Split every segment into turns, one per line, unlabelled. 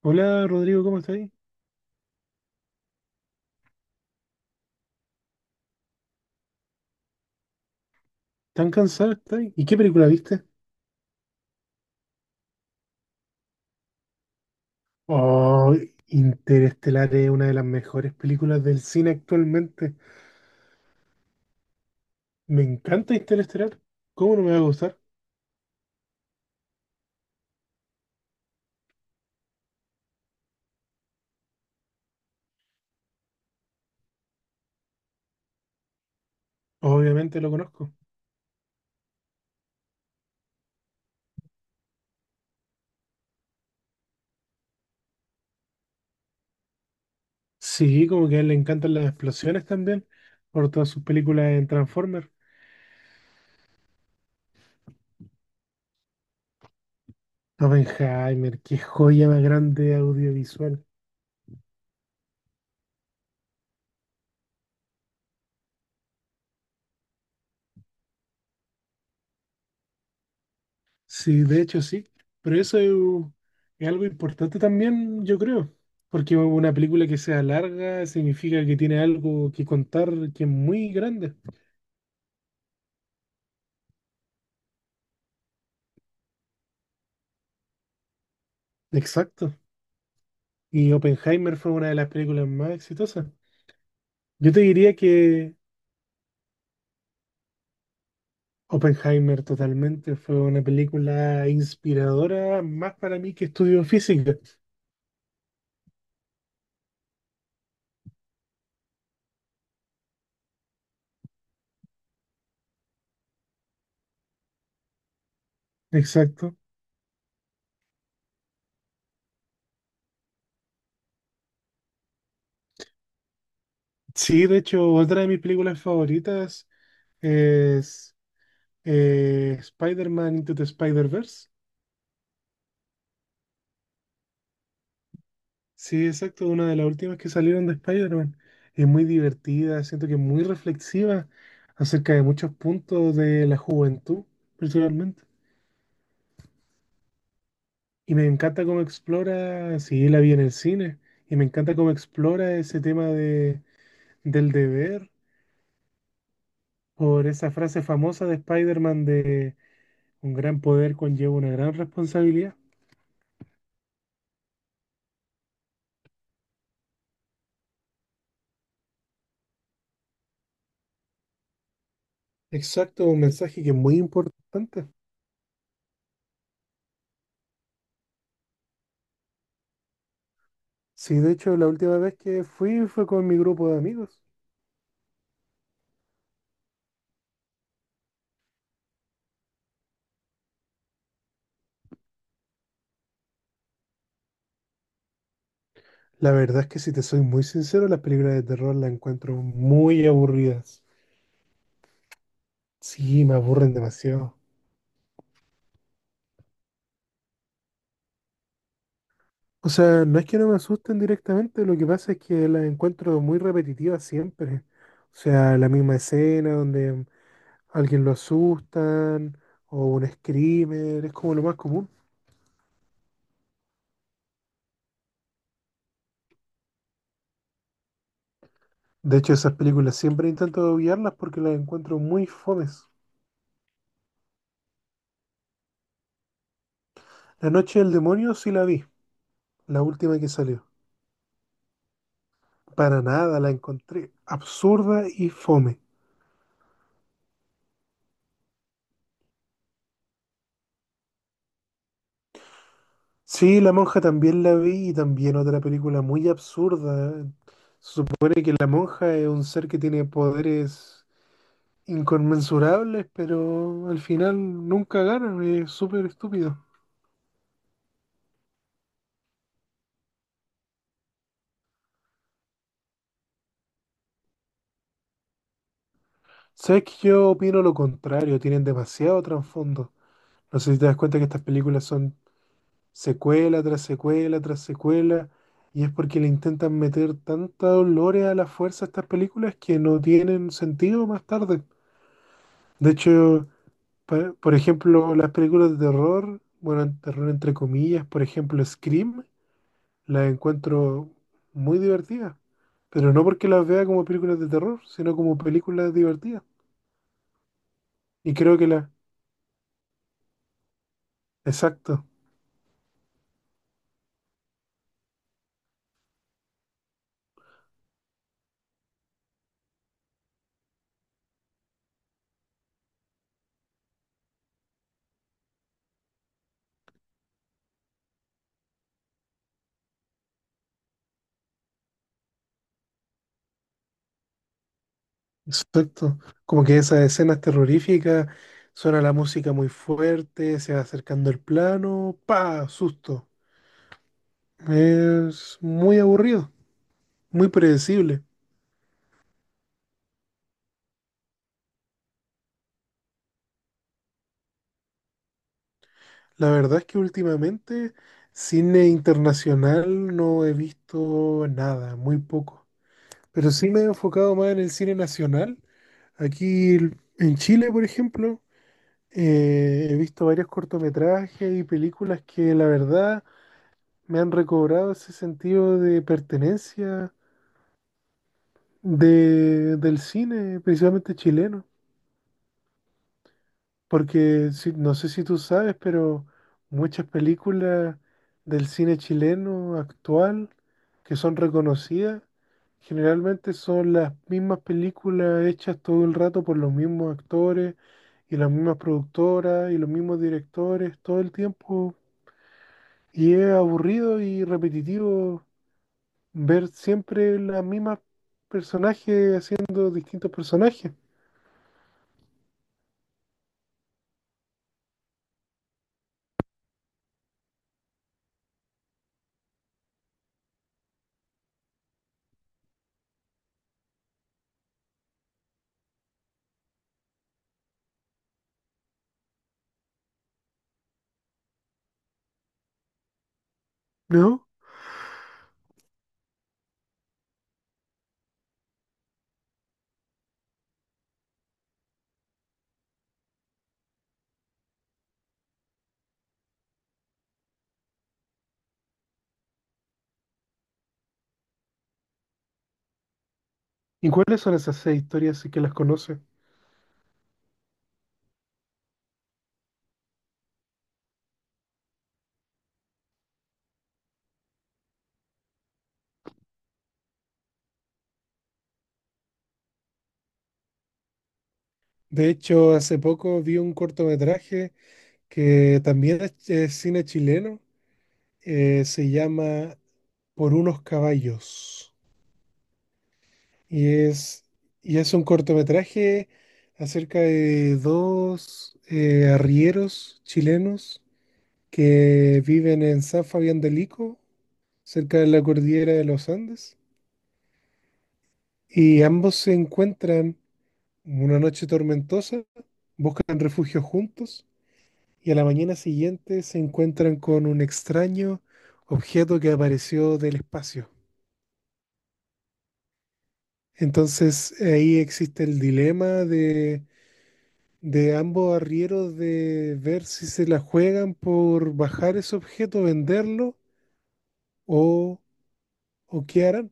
Hola Rodrigo, ¿cómo estáis? ¿Tan cansado estáis? ¿Y qué película viste? Oh, Interestelar es una de las mejores películas del cine actualmente. Me encanta Interestelar. ¿Cómo no me va a gustar? Obviamente lo conozco. Sí, como que a él le encantan las explosiones también, por todas sus películas en Transformers. Oppenheimer, qué joya más grande audiovisual. Sí, de hecho sí, pero eso es algo importante también, yo creo, porque una película que sea larga significa que tiene algo que contar que es muy grande. Exacto. Y Oppenheimer fue una de las películas más exitosas. Yo te diría que Oppenheimer totalmente fue una película inspiradora más para mí que estudio física. Exacto. Sí, de hecho, otra de mis películas favoritas es Spider-Man Into the Spider-Verse. Sí, exacto, una de las últimas que salieron de Spider-Man. Es muy divertida, siento que es muy reflexiva acerca de muchos puntos de la juventud, personalmente. Y me encanta cómo explora, sí, la vi en el cine, y me encanta cómo explora ese tema de, del deber, por esa frase famosa de Spider-Man de un gran poder conlleva una gran responsabilidad. Exacto, un mensaje que es muy importante. Sí, de hecho, la última vez que fui fue con mi grupo de amigos. La verdad es que si te soy muy sincero, las películas de terror las encuentro muy aburridas. Sí, me aburren demasiado. O sea, no es que no me asusten directamente, lo que pasa es que las encuentro muy repetitivas siempre. O sea, la misma escena donde alguien lo asustan o un screamer, es como lo más común. De hecho, esas películas siempre intento obviarlas porque las encuentro muy fomes. La Noche del Demonio sí la vi, la última que salió. Para nada, la encontré absurda y fome. Sí, La Monja también la vi y también otra película muy absurda. ¿Eh? Se supone que la monja es un ser que tiene poderes inconmensurables, pero al final nunca gana, es súper estúpido. Sabes que yo opino lo contrario, tienen demasiado trasfondo. No sé si te das cuenta que estas películas son secuela tras secuela tras secuela, y es porque le intentan meter tanta dolores a la fuerza a estas películas que no tienen sentido más tarde. De hecho, por ejemplo, las películas de terror, bueno, terror entre comillas, por ejemplo, Scream, las encuentro muy divertidas, pero no porque las vea como películas de terror, sino como películas divertidas. Y creo que las, exacto, exacto, como que esas escenas terroríficas, suena la música muy fuerte, se va acercando el plano, pa, susto. Es muy aburrido, muy predecible. La verdad es que últimamente cine internacional no he visto nada, muy poco. Pero sí me he enfocado más en el cine nacional. Aquí en Chile, por ejemplo, he visto varios cortometrajes y películas que la verdad me han recobrado ese sentido de pertenencia del cine, principalmente chileno. Porque no sé si tú sabes, pero muchas películas del cine chileno actual que son reconocidas, generalmente son las mismas películas hechas todo el rato por los mismos actores y las mismas productoras y los mismos directores todo el tiempo. Y es aburrido y repetitivo ver siempre las mismas personajes haciendo distintos personajes, ¿no? ¿Y cuáles son esas seis historias si que las conoces? De hecho, hace poco vi un cortometraje que también es cine chileno. Se llama Por unos caballos. Y es, y es un cortometraje acerca de dos arrieros chilenos que viven en San Fabián del Ico, cerca de la cordillera de los Andes. Y ambos se encuentran una noche tormentosa, buscan refugio juntos y a la mañana siguiente se encuentran con un extraño objeto que apareció del espacio. Entonces ahí existe el dilema de ambos arrieros de ver si se la juegan por bajar ese objeto, venderlo o, o qué harán.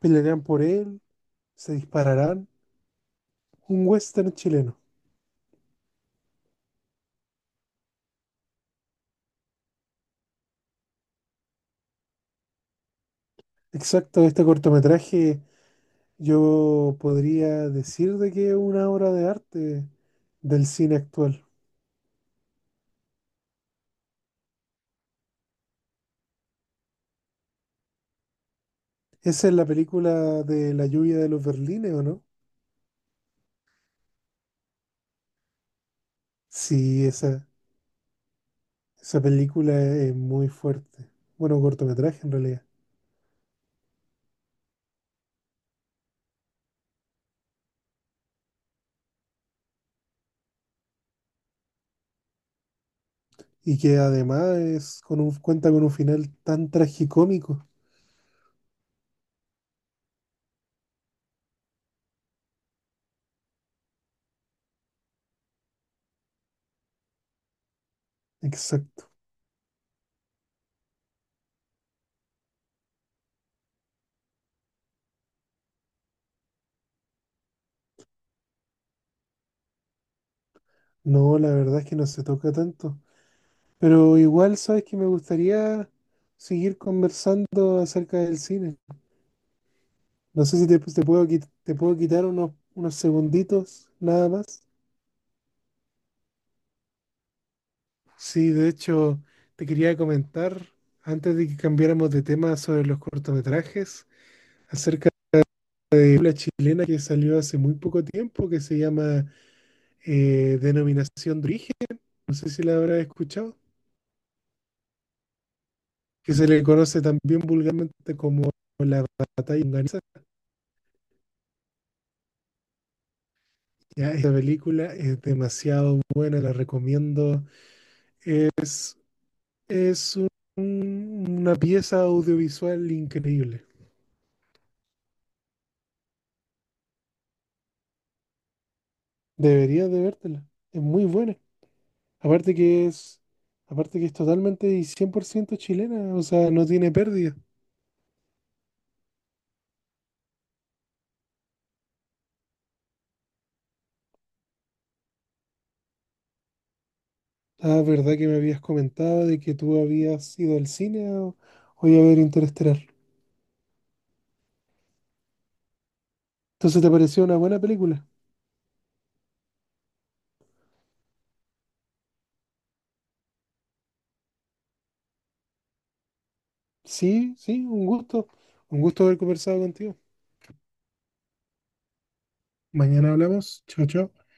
¿Pelearán por él? ¿Se dispararán? Un western chileno. Exacto, este cortometraje yo podría decir de que es una obra de arte del cine actual. Esa es la película de la lluvia de los Berlines, ¿o no? Sí, esa película es muy fuerte. Bueno, un cortometraje en realidad. Y que además es con un, cuenta con un final tan tragicómico. Exacto. No, la verdad es que no se toca tanto. Pero igual, sabes que me gustaría seguir conversando acerca del cine. No sé si te, te puedo, te puedo quitar unos, unos segunditos, nada más. Sí, de hecho, te quería comentar, antes de que cambiáramos de tema sobre los cortometrajes, acerca de una chilena que salió hace muy poco tiempo, que se llama Denominación de Origen, no sé si la habrás escuchado, que se le conoce también vulgarmente como La Batalla Unganesa. Ya, esta película es demasiado buena, la recomiendo. Es, es una pieza audiovisual increíble. Deberías de vértela, es muy buena. Aparte que es, aparte que es totalmente y 100% chilena, o sea, no tiene pérdida. La verdad que me habías comentado de que tú habías ido al cine o iba a ver Interestelar. Entonces, ¿te pareció una buena película? Sí, sí, un gusto. Un gusto haber conversado contigo. Mañana hablamos. Chao, chao.